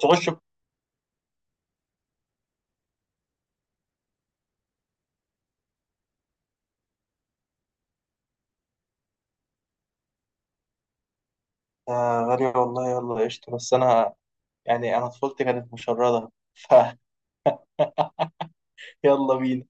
تخش ب- آه، غالية والله، يلا قشطة، بس أنا يعني أنا طفولتي كانت مشردة فيلا. بينا.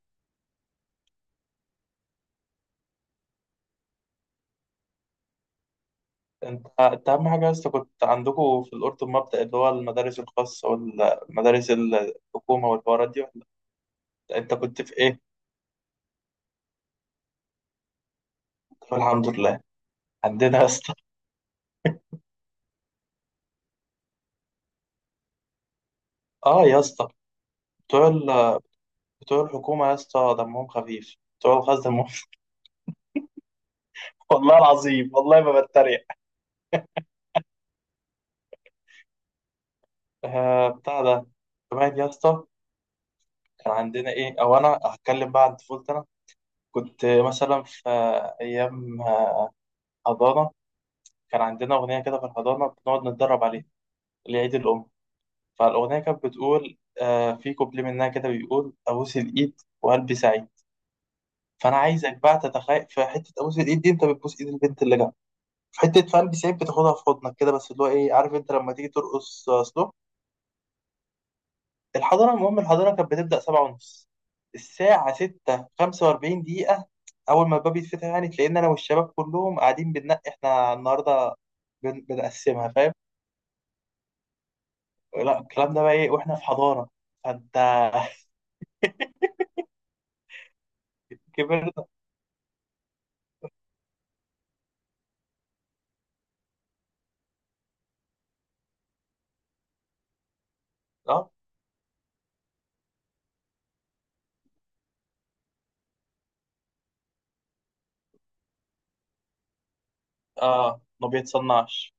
أنت أهم حاجة، بس كنت عندكم في الأردن مبدأ اللي هو المدارس الخاصة والمدارس الحكومة والحوارات دي ولا؟ أنت كنت في إيه؟ طب الحمد لله. عندنا يا اسطى. آه يا اسطى، بتوع ال- بتوع الحكومة يا اسطى دمهم خفيف، بتوع الخاص دمهم. والله العظيم، والله ما بتريق. آه بتاع ده كمان يا اسطى. كان عندنا ايه، او انا هتكلم بقى عن طفولتي. كنت مثلا في أيام حضانة. كان عندنا أغنية كده في الحضانة بنقعد نتدرب عليها لعيد الأم. فالأغنية كانت بتقول، في كوبليه منها كده بيقول: أبوس الإيد وقلبي سعيد. فأنا عايزك بقى تتخيل، في حتة أبوس الإيد دي أنت بتبوس إيد البنت اللي جنبك، في حتة في قلبي سعيد بتاخدها في حضنك كده، بس اللي هو إيه، عارف أنت، لما تيجي ترقص سلو. الحضانة، المهم الحضانة كانت بتبدأ 7:30. الساعة 6:45 دقيقة، أول ما الباب يتفتح، يعني تلاقينا أنا والشباب كلهم قاعدين بننقي إحنا النهاردة بنقسمها فاهم؟ لا الكلام ده بقى إيه وإحنا في حضانة! فأنت كبرنا. أه، أه، ما بيتصنعش.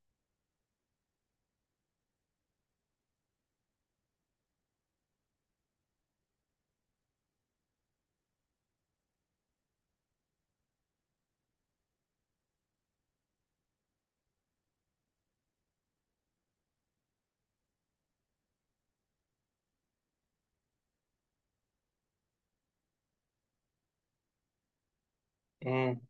امم.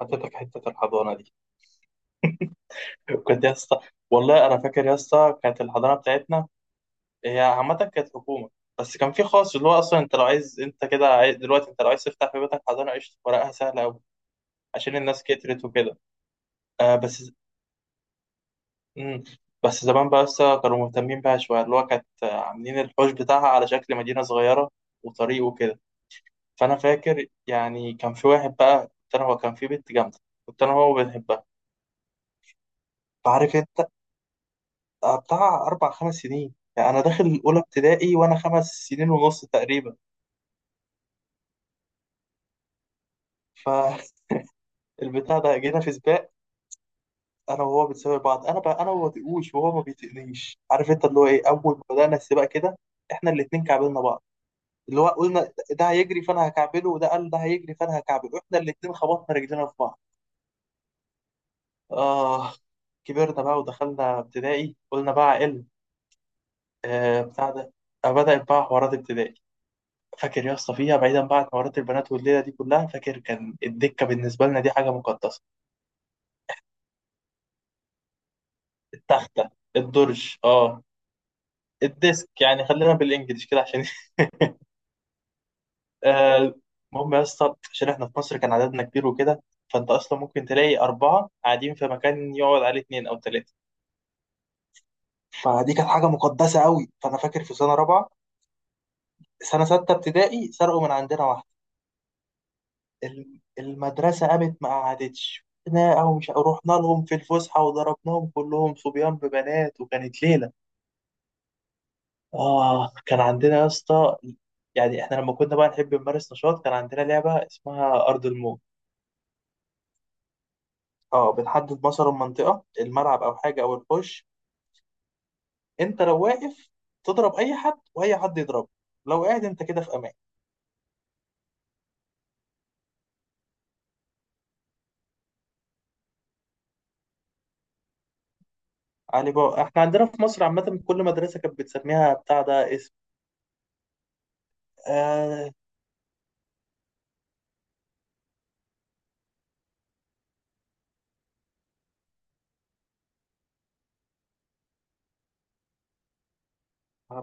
حطيتك حتة الحضانة دي. كنت يا اسطى. والله أنا فاكر يا اسطى، كانت الحضانة بتاعتنا هي عامة كانت حكومة، بس كان في خاص اللي هو أصلا. أنت لو عايز أنت كده عايز... دلوقتي أنت لو عايز تفتح في بيتك حضانة قشطة، ورقها سهلة أوي، عشان الناس كترت وكده. آه بس. مم. بس زمان بقى لسه كانوا مهتمين بيها شوية، اللي هو كانت عاملين الحوش بتاعها على شكل مدينة صغيرة وطريق وكده. فأنا فاكر يعني كان في واحد بقى كنت أنا هو، كان في بنت جامدة كنت أنا هو بنحبها. فعارف أنت، بتاع أربع خمس سنين، يعني أنا داخل الأولى ابتدائي وأنا 5 سنين ونص تقريبا. فالبتاع ده جينا في سباق، أنا وهو بنسابق بعض، أنا بقى أنا ما بطيقوش وهو ما بيطيقنيش، عارف أنت اللي هو إيه، أول ما بدأنا السباق كده إحنا الاتنين كعبلنا بعض، اللي هو قلنا ده هيجري فانا هكعبله، وده قال ده هيجري فانا هكعبله، احنا الاتنين خبطنا رجلنا في بعض. اه، كبرنا بقى ودخلنا ابتدائي. قلنا بقى ال آه بتاع ده، بدأت بقى حوارات ابتدائي. فاكر يا اسطى فيها، بعيدا بقى عن حوارات البنات والليله دي كلها، فاكر كان الدكه بالنسبه لنا دي حاجه مقدسه. التخته، الدرج، اه الديسك يعني، خلينا بالانجلش كده عشان آه، المهم يا اسطى، عشان احنا في مصر كان عددنا كبير وكده، فانت اصلا ممكن تلاقي اربعه قاعدين في مكان يقعد عليه اتنين او تلاته. فدي كانت حاجه مقدسه قوي. فانا فاكر في سنه رابعه، سنه 6 ابتدائي، سرقوا من عندنا واحده. المدرسه قامت ما قعدتش. نا او مش رحنا لهم في الفسحه وضربناهم كلهم، صبيان ببنات، وكانت ليله. اه كان عندنا يا اسطى. يعني احنا لما كنا بقى نحب نمارس نشاط كان عندنا لعبه اسمها ارض الموت. اه بنحدد مثلا منطقه الملعب او حاجه او الحوش. انت لو واقف تضرب اي حد واي حد يضربك. لو قاعد انت كده في امان. علي بابا، احنا عندنا في مصر عامة كل مدرسة كانت بتسميها بتاع ده اسم. آه،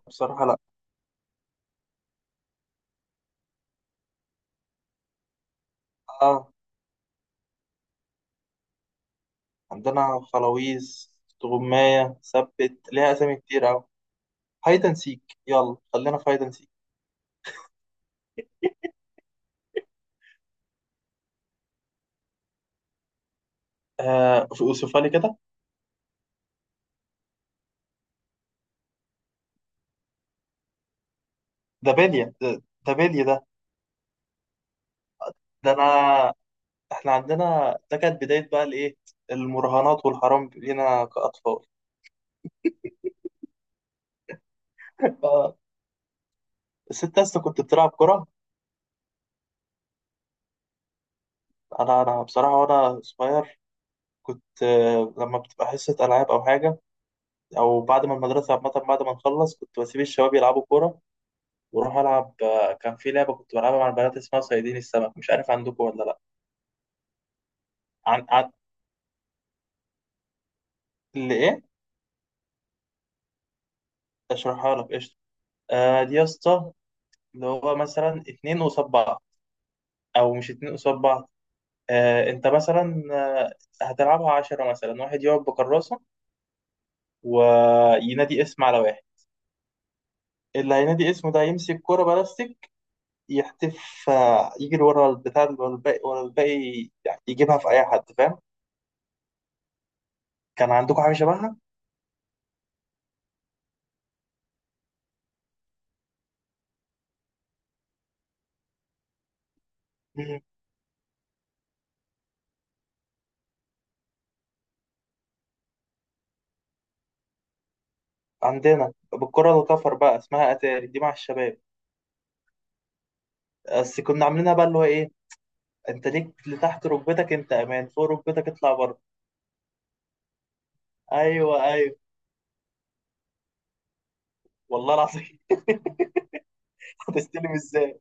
بصراحة لا. آه، عندنا خلاويز، تغماية ثبت ليها أسامي كتير أوي. هايدن سيك، يلا خلينا في هايدن سيك. آه، أوصفها لي كده. ده بالية ده بالية ده. ده أنا، احنا عندنا ده كانت بداية بقى الإيه، المراهنات والحرام لينا كأطفال. آه، الست أسطى كنت بتلعب كرة. أنا بصراحة وأنا صغير كنت، لما بتبقى حصة ألعاب أو حاجة، او بعد ما المدرسه عامه بعد ما نخلص كنت بسيب الشباب يلعبوا كوره واروح العب. كان في لعبه كنت بلعبها مع البنات اسمها صيادين السمك، مش عارف عندكم ولا لا. عن, عن... اللي ايه، اشرحها لك قشطه. آه دي يا اسطى، اللي هو مثلا اتنين قصاد بعض، او مش اتنين قصاد بعض، انت مثلا، هتلعبها 10 مثلا، واحد يقعد بكراسه وينادي اسم على واحد. اللي هينادي اسمه ده يمسك كرة بلاستيك، يحتف، يجري ورا البتاع، ورا الباقي ورا الباقي، يعني يجيبها في أي حد فاهم. كان عندكم حاجة شبهها؟ مم. عندنا بالكرة الكفر بقى اسمها أتاري دي، مع الشباب. بس كنا عاملينها بقى اللي هو إيه، أنت ليك لتحت ركبتك أنت أمان، فوق ركبتك اطلع بره. أيوه، أيوه، والله العظيم. هتستلم إزاي؟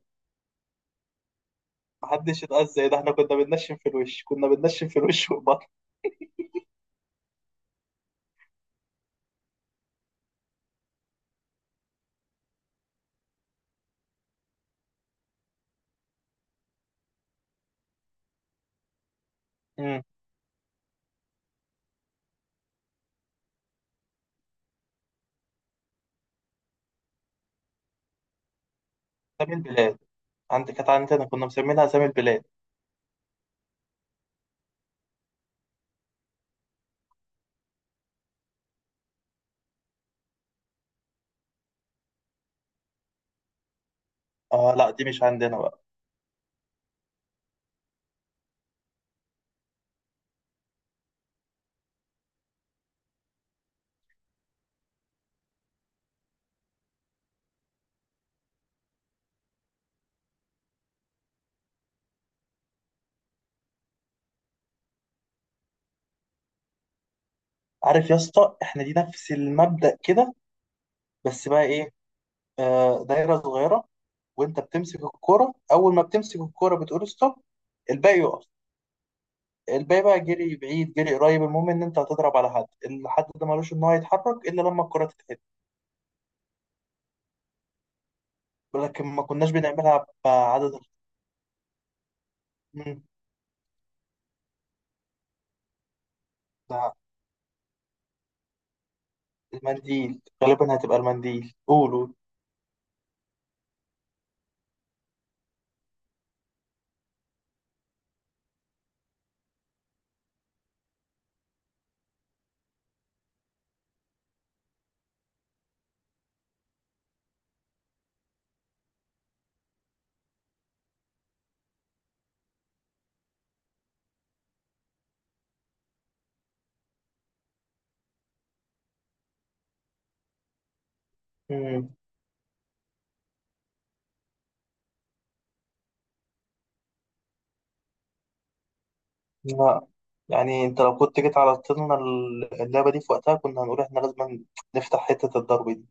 محدش يتأذى ده! إحنا كنا بننشن في الوش، كنا بننشن في الوش والبطن. مم. أسامي البلاد عندك، كانت عندنا كنا مسمينها أسامي البلاد. آه لا، دي مش عندنا بقى. عارف يا اسطى، إحنا دي نفس المبدأ كده، بس بقى إيه، دايرة صغيرة وانت بتمسك الكرة، اول ما بتمسك الكرة بتقول ستوب. الباقي يقف. الباقي بقى جري بعيد جري قريب، المهم ان انت هتضرب على حد. الحد ده ملوش ان هو يتحرك الا لما الكرة تتحد. لكن ما كناش بنعملها بعدد. مم. ده المنديل غالبا، هتبقى المنديل قولوا. مم. لا، يعني انت لو كنت جيت على طولنا، اللعبة دي في وقتها كنا هنقول احنا لازم نفتح حتة الضرب دي.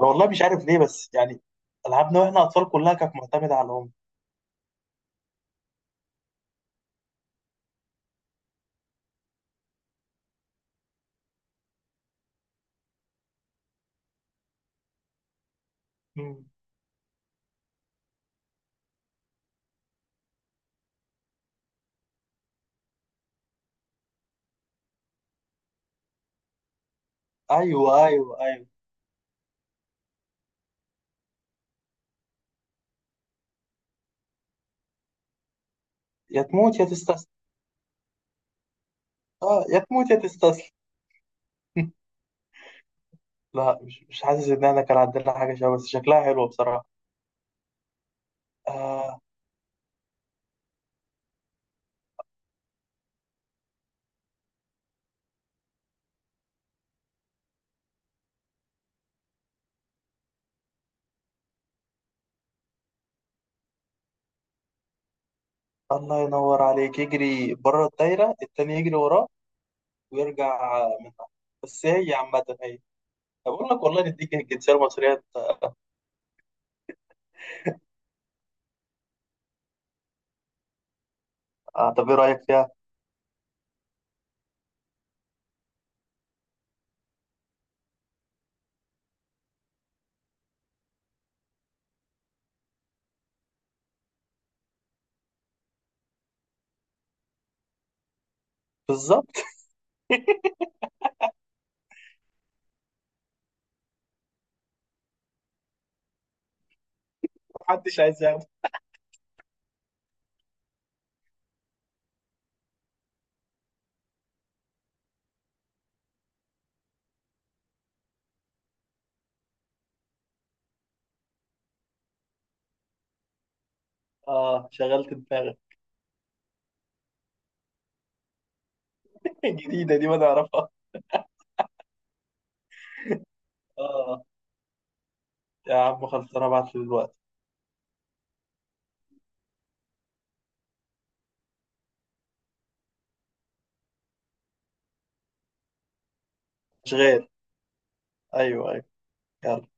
انا والله مش عارف ليه، بس يعني العابنا واحنا اطفال كلها كانت معتمدة على الام. مم. ايوه، ايوه، ايوه. يا تموت يا تستسلم. اه، يا تموت يا تستسلم. لا، مش حاسس ان احنا كان عندنا حاجه شبه، بس شكلها حلوه بصراحه. آه، الله ينور عليك، يجري بره الدايره، التاني يجري وراه ويرجع منها. بس هي عامه هي، بقول لك والله نديك الجنسيه المصريه. آه طب ايه رايك فيها؟ بالظبط. محدش عايز ياخد. اه، شغلت دماغك. جديده دي ما نعرفها. اه، يا عم خلصنا ابعت لي دلوقتي. مش غير. ايوه، ايوه.